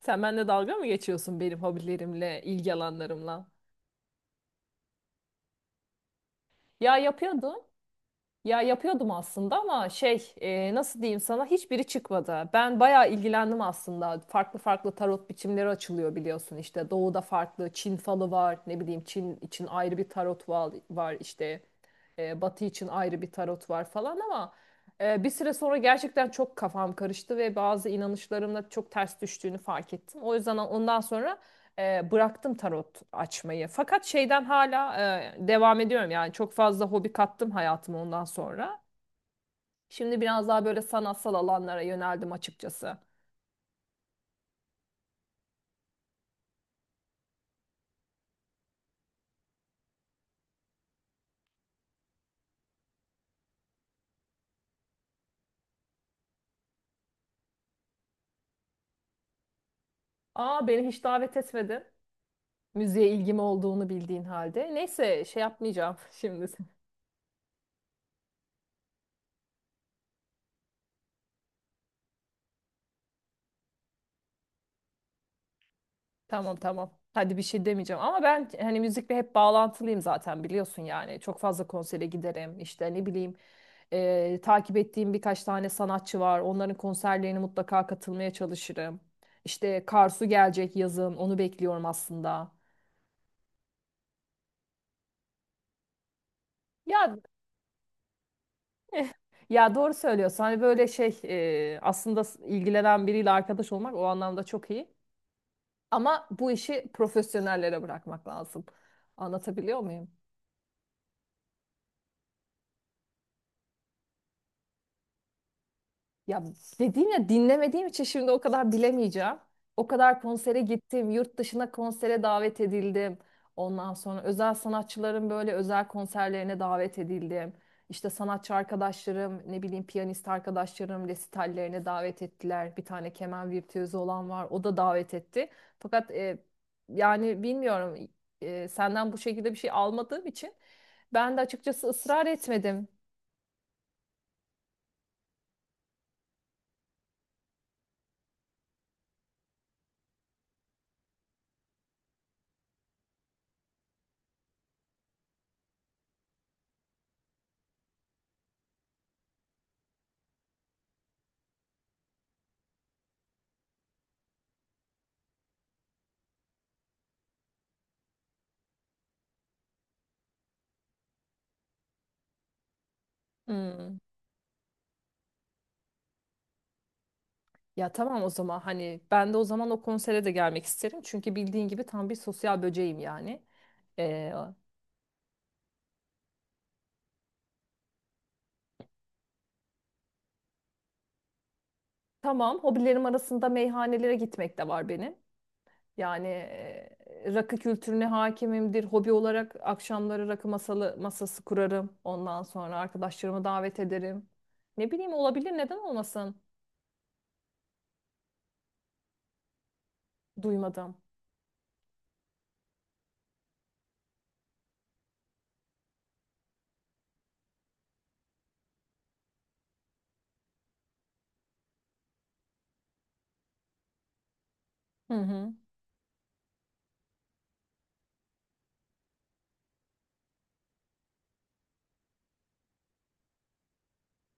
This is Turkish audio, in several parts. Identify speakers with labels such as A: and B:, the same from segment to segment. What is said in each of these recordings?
A: Sen benimle dalga mı geçiyorsun benim hobilerimle, ilgi alanlarımla? Ya yapıyordum. Ya yapıyordum aslında ama nasıl diyeyim sana hiçbiri çıkmadı. Ben bayağı ilgilendim aslında. Farklı farklı tarot biçimleri açılıyor biliyorsun işte. Doğuda farklı Çin falı var. Ne bileyim Çin için ayrı bir tarot var işte. Batı için ayrı bir tarot var falan ama bir süre sonra gerçekten çok kafam karıştı ve bazı inanışlarımla çok ters düştüğünü fark ettim. O yüzden ondan sonra bıraktım tarot açmayı. Fakat şeyden hala devam ediyorum. Yani çok fazla hobi kattım hayatıma ondan sonra. Şimdi biraz daha böyle sanatsal alanlara yöneldim açıkçası. Aa beni hiç davet etmedin. Müziğe ilgim olduğunu bildiğin halde. Neyse şey yapmayacağım şimdi. Tamam, tamam. Hadi bir şey demeyeceğim ama ben hani müzikle hep bağlantılıyım zaten biliyorsun yani. Çok fazla konsere giderim. İşte ne bileyim takip ettiğim birkaç tane sanatçı var. Onların konserlerine mutlaka katılmaya çalışırım. İşte Karsu gelecek yazın. Onu bekliyorum aslında. Ya eh, ya doğru söylüyorsun. Hani böyle aslında ilgilenen biriyle arkadaş olmak o anlamda çok iyi. Ama bu işi profesyonellere bırakmak lazım. Anlatabiliyor muyum? Ya dediğim ya dinlemediğim için şimdi o kadar bilemeyeceğim. O kadar konsere gittim, yurt dışına konsere davet edildim. Ondan sonra özel sanatçıların böyle özel konserlerine davet edildim. İşte sanatçı arkadaşlarım, ne bileyim piyanist arkadaşlarım resitallerine davet ettiler. Bir tane keman virtüözü olan var, o da davet etti. Fakat yani bilmiyorum, senden bu şekilde bir şey almadığım için ben de açıkçası ısrar etmedim. Hmm. Ya tamam o zaman hani ben de o zaman o konsere de gelmek isterim. Çünkü bildiğin gibi tam bir sosyal böceğim yani. Ee, tamam hobilerim arasında meyhanelere gitmek de var benim. Yani rakı kültürüne hakimimdir. Hobi olarak akşamları rakı masalı, masası kurarım. Ondan sonra arkadaşlarımı davet ederim. Ne bileyim olabilir, neden olmasın? Duymadım. Hı hı.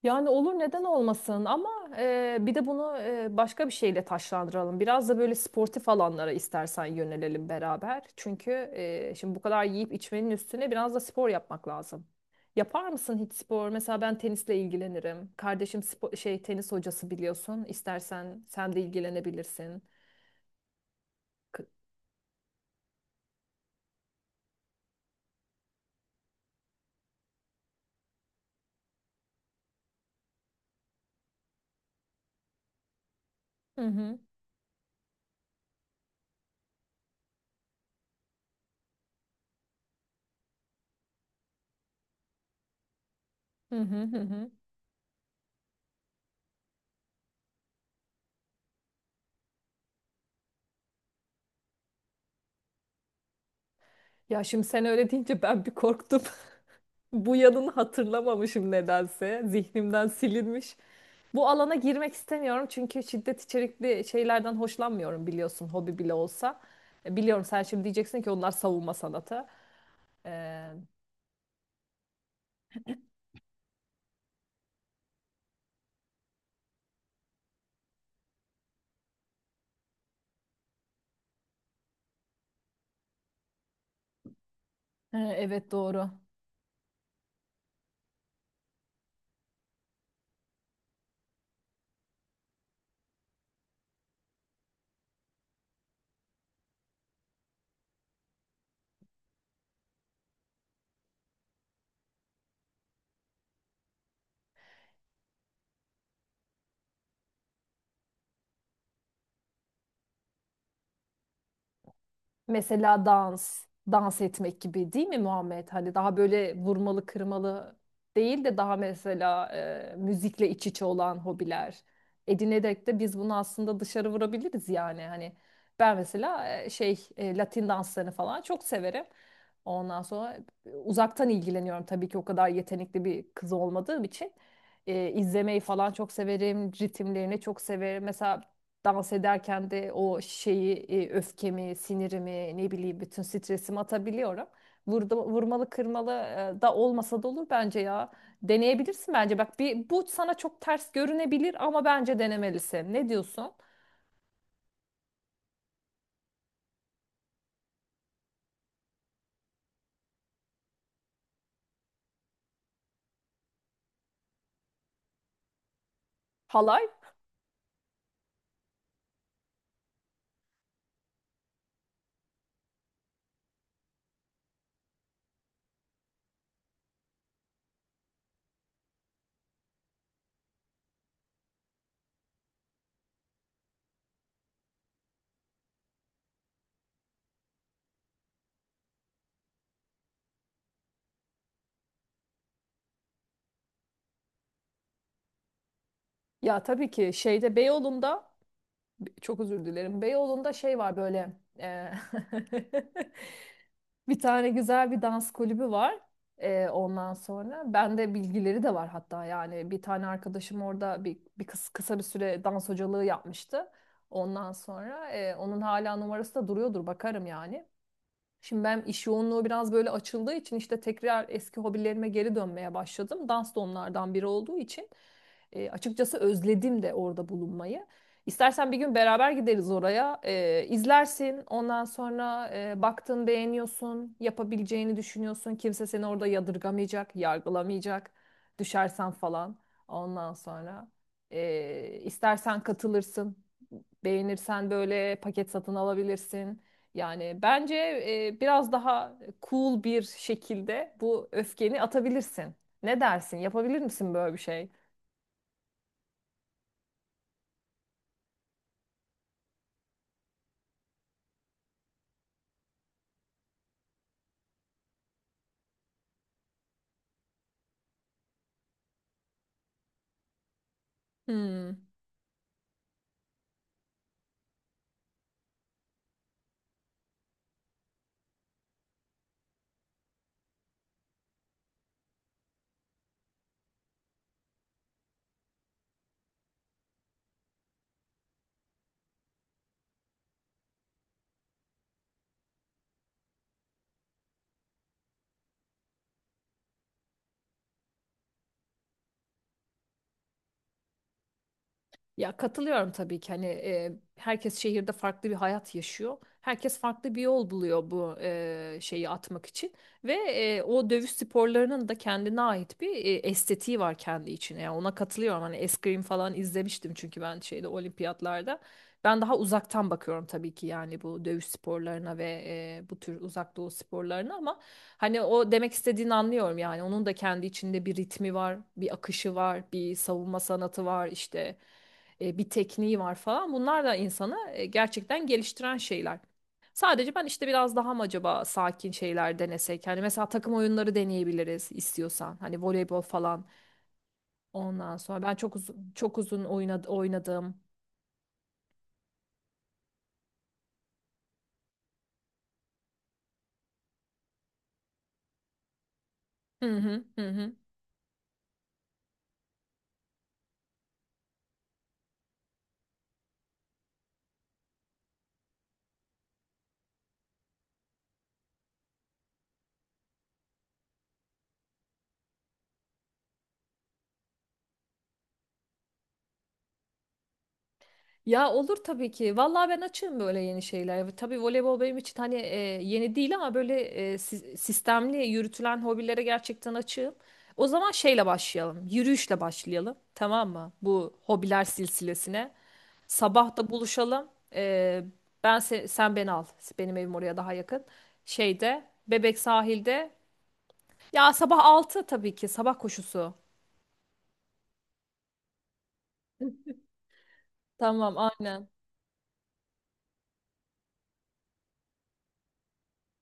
A: Yani olur neden olmasın ama bir de bunu başka bir şeyle taşlandıralım. Biraz da böyle sportif alanlara istersen yönelelim beraber. Çünkü şimdi bu kadar yiyip içmenin üstüne biraz da spor yapmak lazım. Yapar mısın hiç spor? Mesela ben tenisle ilgilenirim. Kardeşim şey tenis hocası biliyorsun. İstersen sen de ilgilenebilirsin. K- Hı hı, hı hı, hı hı. Ya şimdi sen öyle deyince ben bir korktum. Bu yanını hatırlamamışım nedense. Zihnimden silinmiş. Bu alana girmek istemiyorum çünkü şiddet içerikli şeylerden hoşlanmıyorum biliyorsun hobi bile olsa. Biliyorum sen şimdi diyeceksin ki onlar savunma sanatı. E, Evet, doğru. Mesela dans, dans etmek gibi değil mi Muhammed? Hani daha böyle vurmalı kırmalı değil de daha mesela müzikle iç içe olan hobiler edinerek de biz bunu aslında dışarı vurabiliriz yani. Hani ben mesela Latin danslarını falan çok severim. Ondan sonra uzaktan ilgileniyorum tabii ki o kadar yetenekli bir kız olmadığım için. İzlemeyi falan çok severim, ritimlerini çok severim. Mesela dans ederken de o şeyi öfkemi, sinirimi, ne bileyim bütün stresimi atabiliyorum. Vurmalı kırmalı da olmasa da olur bence ya. Deneyebilirsin bence. Bak bir bu sana çok ters görünebilir ama bence denemelisin. Ne diyorsun? Halay? Ya tabii ki şeyde Beyoğlu'nda çok özür dilerim. Beyoğlu'nda şey var böyle e, bir tane güzel bir dans kulübü var. Ondan sonra bende bilgileri de var hatta, yani bir tane arkadaşım orada bir kısa bir süre dans hocalığı yapmıştı. Ondan sonra onun hala numarası da duruyordur, bakarım yani. Şimdi ben iş yoğunluğu biraz böyle açıldığı için işte tekrar eski hobilerime geri dönmeye başladım. Dans da onlardan biri olduğu için açıkçası özledim de orada bulunmayı. İstersen bir gün beraber gideriz oraya. E, izlersin. Ondan sonra baktın beğeniyorsun. Yapabileceğini düşünüyorsun. Kimse seni orada yadırgamayacak, yargılamayacak. Düşersen falan. Ondan sonra istersen katılırsın. Beğenirsen böyle paket satın alabilirsin. Yani bence biraz daha cool bir şekilde bu öfkeni atabilirsin. Ne dersin? Yapabilir misin böyle bir şey? Hmm. Ya katılıyorum tabii ki hani herkes şehirde farklı bir hayat yaşıyor. Herkes farklı bir yol buluyor bu şeyi atmak için ve o dövüş sporlarının da kendine ait bir estetiği var kendi içine. Yani ona katılıyorum. Hani eskrim falan izlemiştim çünkü ben şeyde olimpiyatlarda. Ben daha uzaktan bakıyorum tabii ki yani bu dövüş sporlarına ve bu tür uzak doğu sporlarına ama hani o demek istediğini anlıyorum yani onun da kendi içinde bir ritmi var, bir akışı var, bir savunma sanatı var işte bir tekniği var falan. Bunlar da insanı gerçekten geliştiren şeyler. Sadece ben işte biraz daha mı acaba sakin şeyler denesek? Hani mesela takım oyunları deneyebiliriz istiyorsan. Hani voleybol falan. Ondan sonra ben çok uzun çok uzun oynadım. Hı hı, hı hı. Ya olur tabii ki. Vallahi ben açığım böyle yeni şeyler. Tabii voleybol benim için hani yeni değil ama böyle sistemli yürütülen hobilere gerçekten açığım. O zaman şeyle başlayalım. Yürüyüşle başlayalım. Tamam mı? Bu hobiler silsilesine. Sabah da buluşalım. E, ben sen beni al. Benim evim oraya daha yakın. Şeyde Bebek sahilde. Ya sabah 6 tabii ki. Sabah koşusu. Tamam, aynen.